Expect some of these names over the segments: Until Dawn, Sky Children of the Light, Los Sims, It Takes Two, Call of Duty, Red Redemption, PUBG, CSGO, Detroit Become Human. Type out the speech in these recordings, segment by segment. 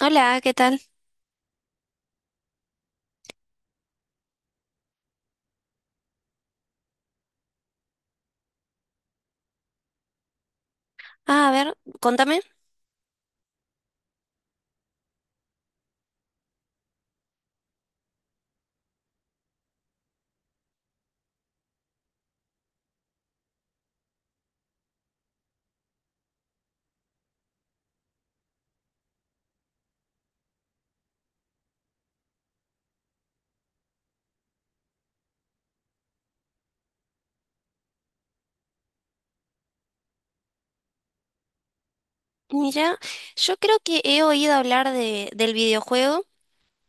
Hola, ¿qué tal? Ah, a ver, contame. Mira, yo creo que he oído hablar del videojuego,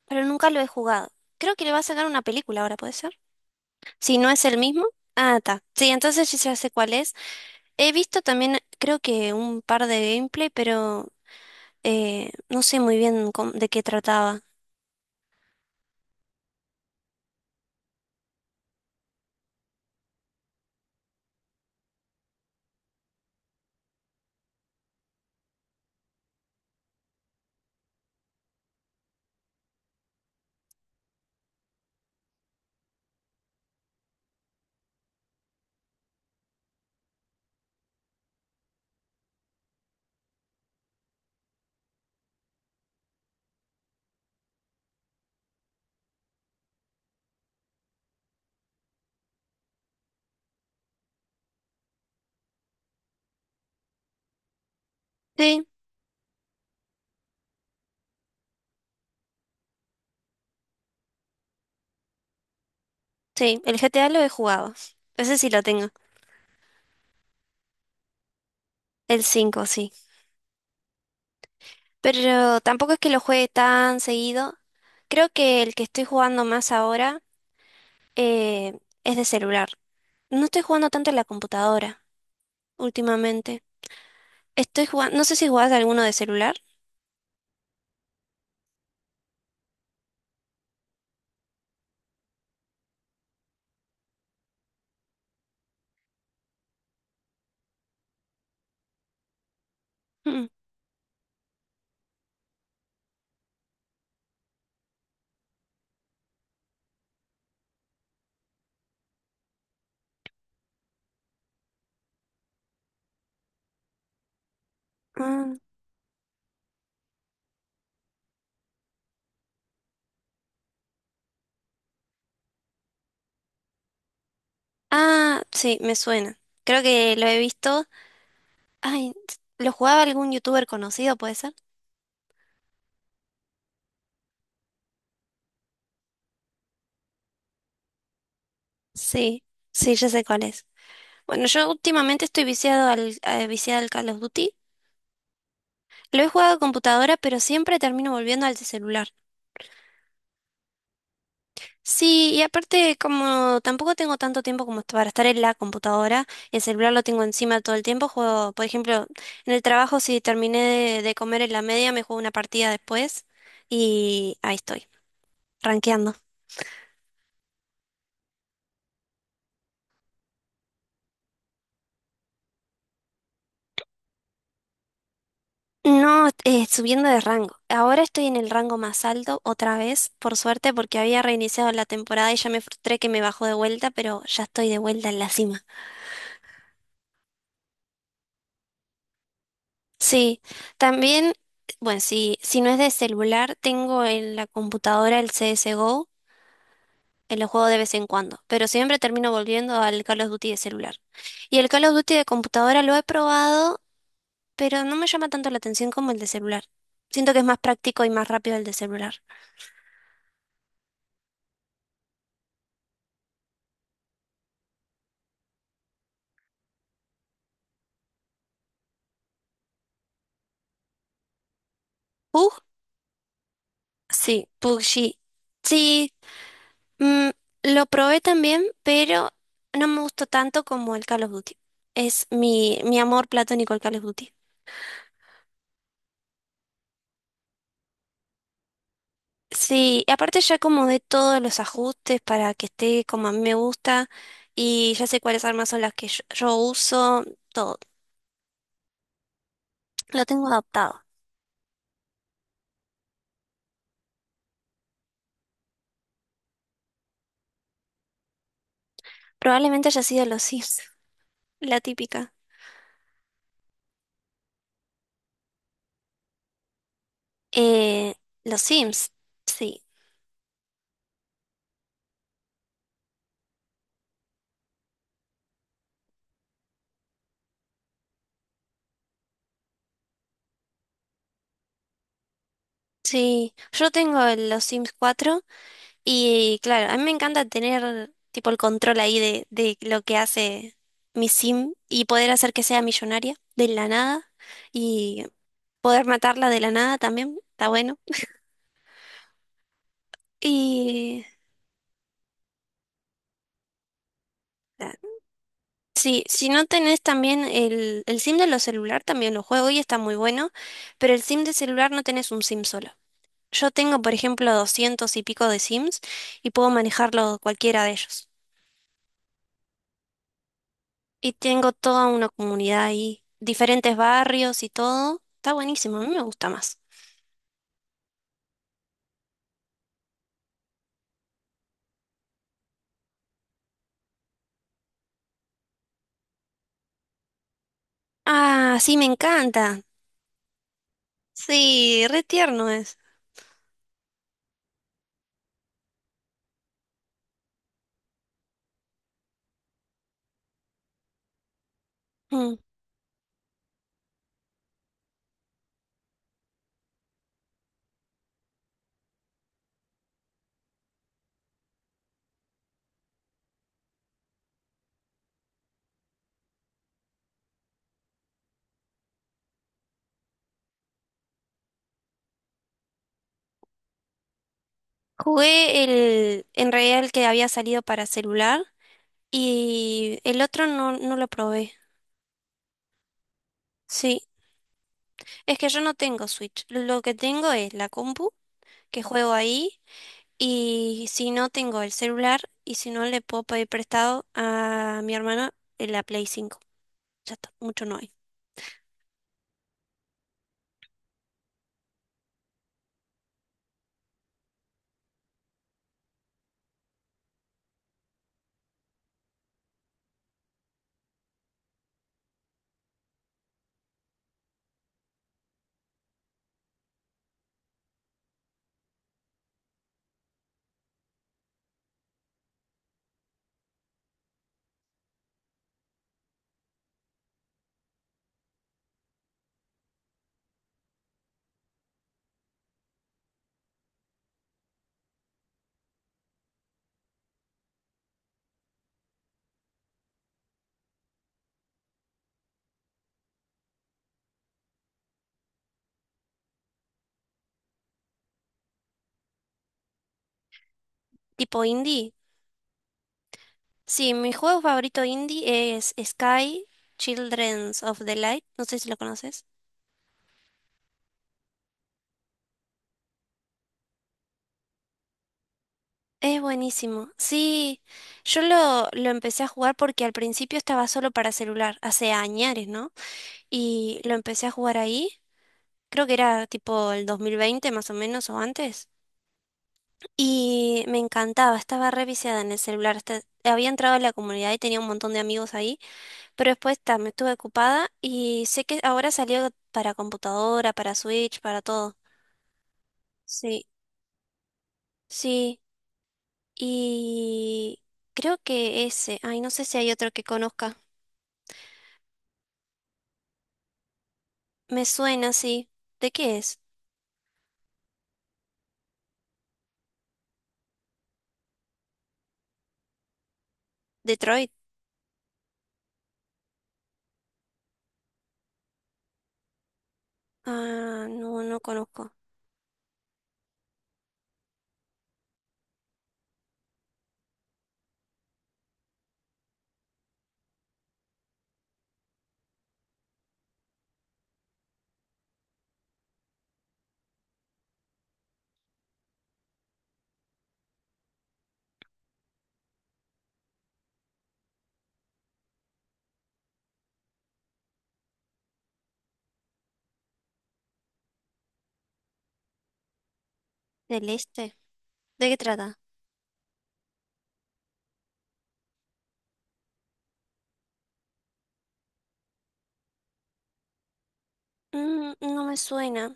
pero nunca lo he jugado. Creo que le va a sacar una película ahora, ¿puede ser? Si no es el mismo. Ah, está. Sí, entonces sí ya sé cuál es. He visto también, creo que un par de gameplay, pero no sé muy bien de qué trataba. Sí, sí, el GTA lo he jugado. Ese sí lo tengo. El 5, sí. Pero tampoco es que lo juegue tan seguido. Creo que el que estoy jugando más ahora. eh, es de celular. No estoy jugando tanto en la computadora últimamente. Estoy jugando, no sé si jugás alguno de celular. Mm. Ah, Ah, sí, me suena. Creo que lo he visto. Ay, ¿lo jugaba algún youtuber conocido, puede ser? Sí, sí, ya sé cuál es. Bueno, yo últimamente estoy viciada al Call of Duty. Lo he jugado a computadora, pero siempre termino volviendo al de celular. Sí, y aparte como tampoco tengo tanto tiempo como para estar en la computadora, el celular lo tengo encima todo el tiempo, juego, por ejemplo, en el trabajo si terminé de comer en la media, me juego una partida después y ahí estoy, rankeando. No, subiendo de rango. Ahora estoy en el rango más alto otra vez, por suerte, porque había reiniciado la temporada y ya me frustré que me bajó de vuelta, pero ya estoy de vuelta en la cima. Sí, también, bueno, si no es de celular, tengo en la computadora el CSGO, en lo juego de vez en cuando, pero siempre termino volviendo al Call of Duty de celular. Y el Call of Duty de computadora lo he probado, pero no me llama tanto la atención como el de celular. Siento que es más práctico y más rápido el de celular. ¿Pug? Sí, PUBG. Sí, mm, lo probé también, pero no me gustó tanto como el Call of Duty. Es mi amor platónico el Call of Duty. Sí, y aparte ya acomodé todos los ajustes para que esté como a mí me gusta y ya sé cuáles armas son las que yo uso, todo. Lo tengo adaptado. Probablemente haya sido los Sims, la típica. Eh, los Sims, sí. Sí, yo tengo los Sims cuatro y claro, a mí me encanta tener tipo el control ahí de lo que hace mi Sim y poder hacer que sea millonaria de la nada y poder matarla de la nada también, está bueno. Y ah, sí, si no tenés también el SIM de los celular, también lo juego y está muy bueno, pero el SIM de celular no tenés un SIM solo. Yo tengo, por ejemplo, 200 y pico de SIMs y puedo manejarlo cualquiera de ellos. Y tengo toda una comunidad ahí, diferentes barrios y todo. Está buenísimo, a mí me gusta más. Ah, sí, me encanta. Sí, re tierno es. Mm. Jugué el, en realidad el que había salido para celular. Y el otro no, no lo probé. Sí, es que yo no tengo Switch. Lo que tengo es la compu, que juego ahí, y si no tengo el celular, y si no le puedo pedir prestado a mi hermana en la Play cinco. Ya está, mucho no hay. Tipo indie. Sí, mi juego favorito indie es Sky Children's of the Light. No sé si lo conoces. Es buenísimo. Sí, yo lo empecé a jugar porque al principio estaba solo para celular, hace años, ¿no? Y lo empecé a jugar ahí. Creo que era tipo el 2020 más o menos o antes. Y me encantaba, estaba re viciada en el celular. Había entrado a la comunidad y tenía un montón de amigos ahí, pero después ta, me estuve ocupada y sé que ahora salió para computadora, para Switch, para todo. Sí, sí. Y creo que ese, ay, no sé si hay otro que conozca. Me suena, sí. ¿De qué es? ¿Detroit? Ah, no, no conozco. ¿Del este? ¿De qué trata? No me suena.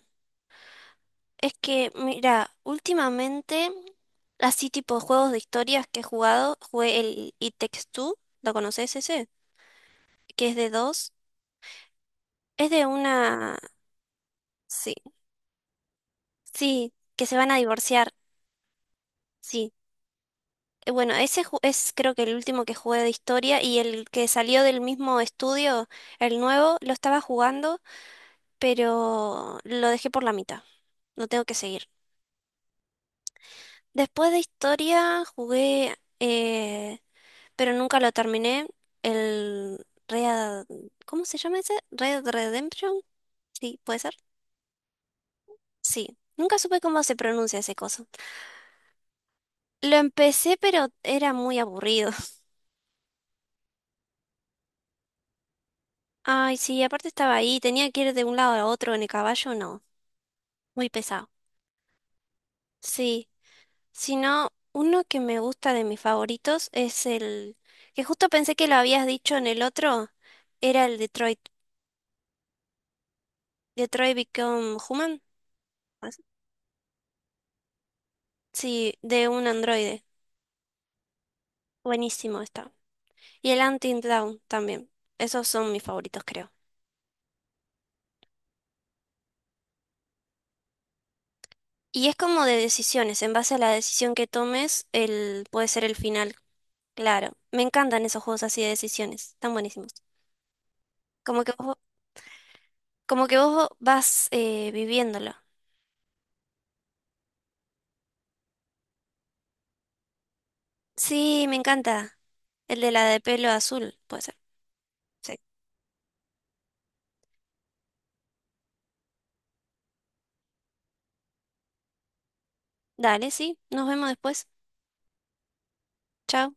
Es que, mira, últimamente, así tipo juegos de historias que he jugado, jugué el It Takes Two, ¿lo conoces ese? Que es de dos. Es de una... Sí, sí, que se van a divorciar, sí. Bueno, ese es creo que el último que jugué de historia y el que salió del mismo estudio, el nuevo, lo estaba jugando, pero lo dejé por la mitad. Lo tengo que seguir. Después de historia jugué, pero nunca lo terminé. El Red... ¿Cómo se llama ese? Red Redemption. Sí, ¿puede ser? Sí. Nunca supe cómo se pronuncia ese coso. Lo empecé, pero era muy aburrido. Ay, sí, aparte estaba ahí, tenía que ir de un lado a otro en el caballo, no. Muy pesado. Sí, si no, uno que me gusta de mis favoritos es el que justo pensé que lo habías dicho en el otro, era el Detroit, Detroit Become Human. ¿Es? Sí, de un androide. Buenísimo está. Y el Until Dawn también. Esos son mis favoritos, creo. Y es como de decisiones. En base a la decisión que tomes, puede ser el final. Claro. Me encantan esos juegos así de decisiones. Están buenísimos. Como que vos, como que vos vas viviéndolo. Sí, me encanta. El de la de pelo azul, puede ser. Sí. Dale, sí. Nos vemos después. Chao.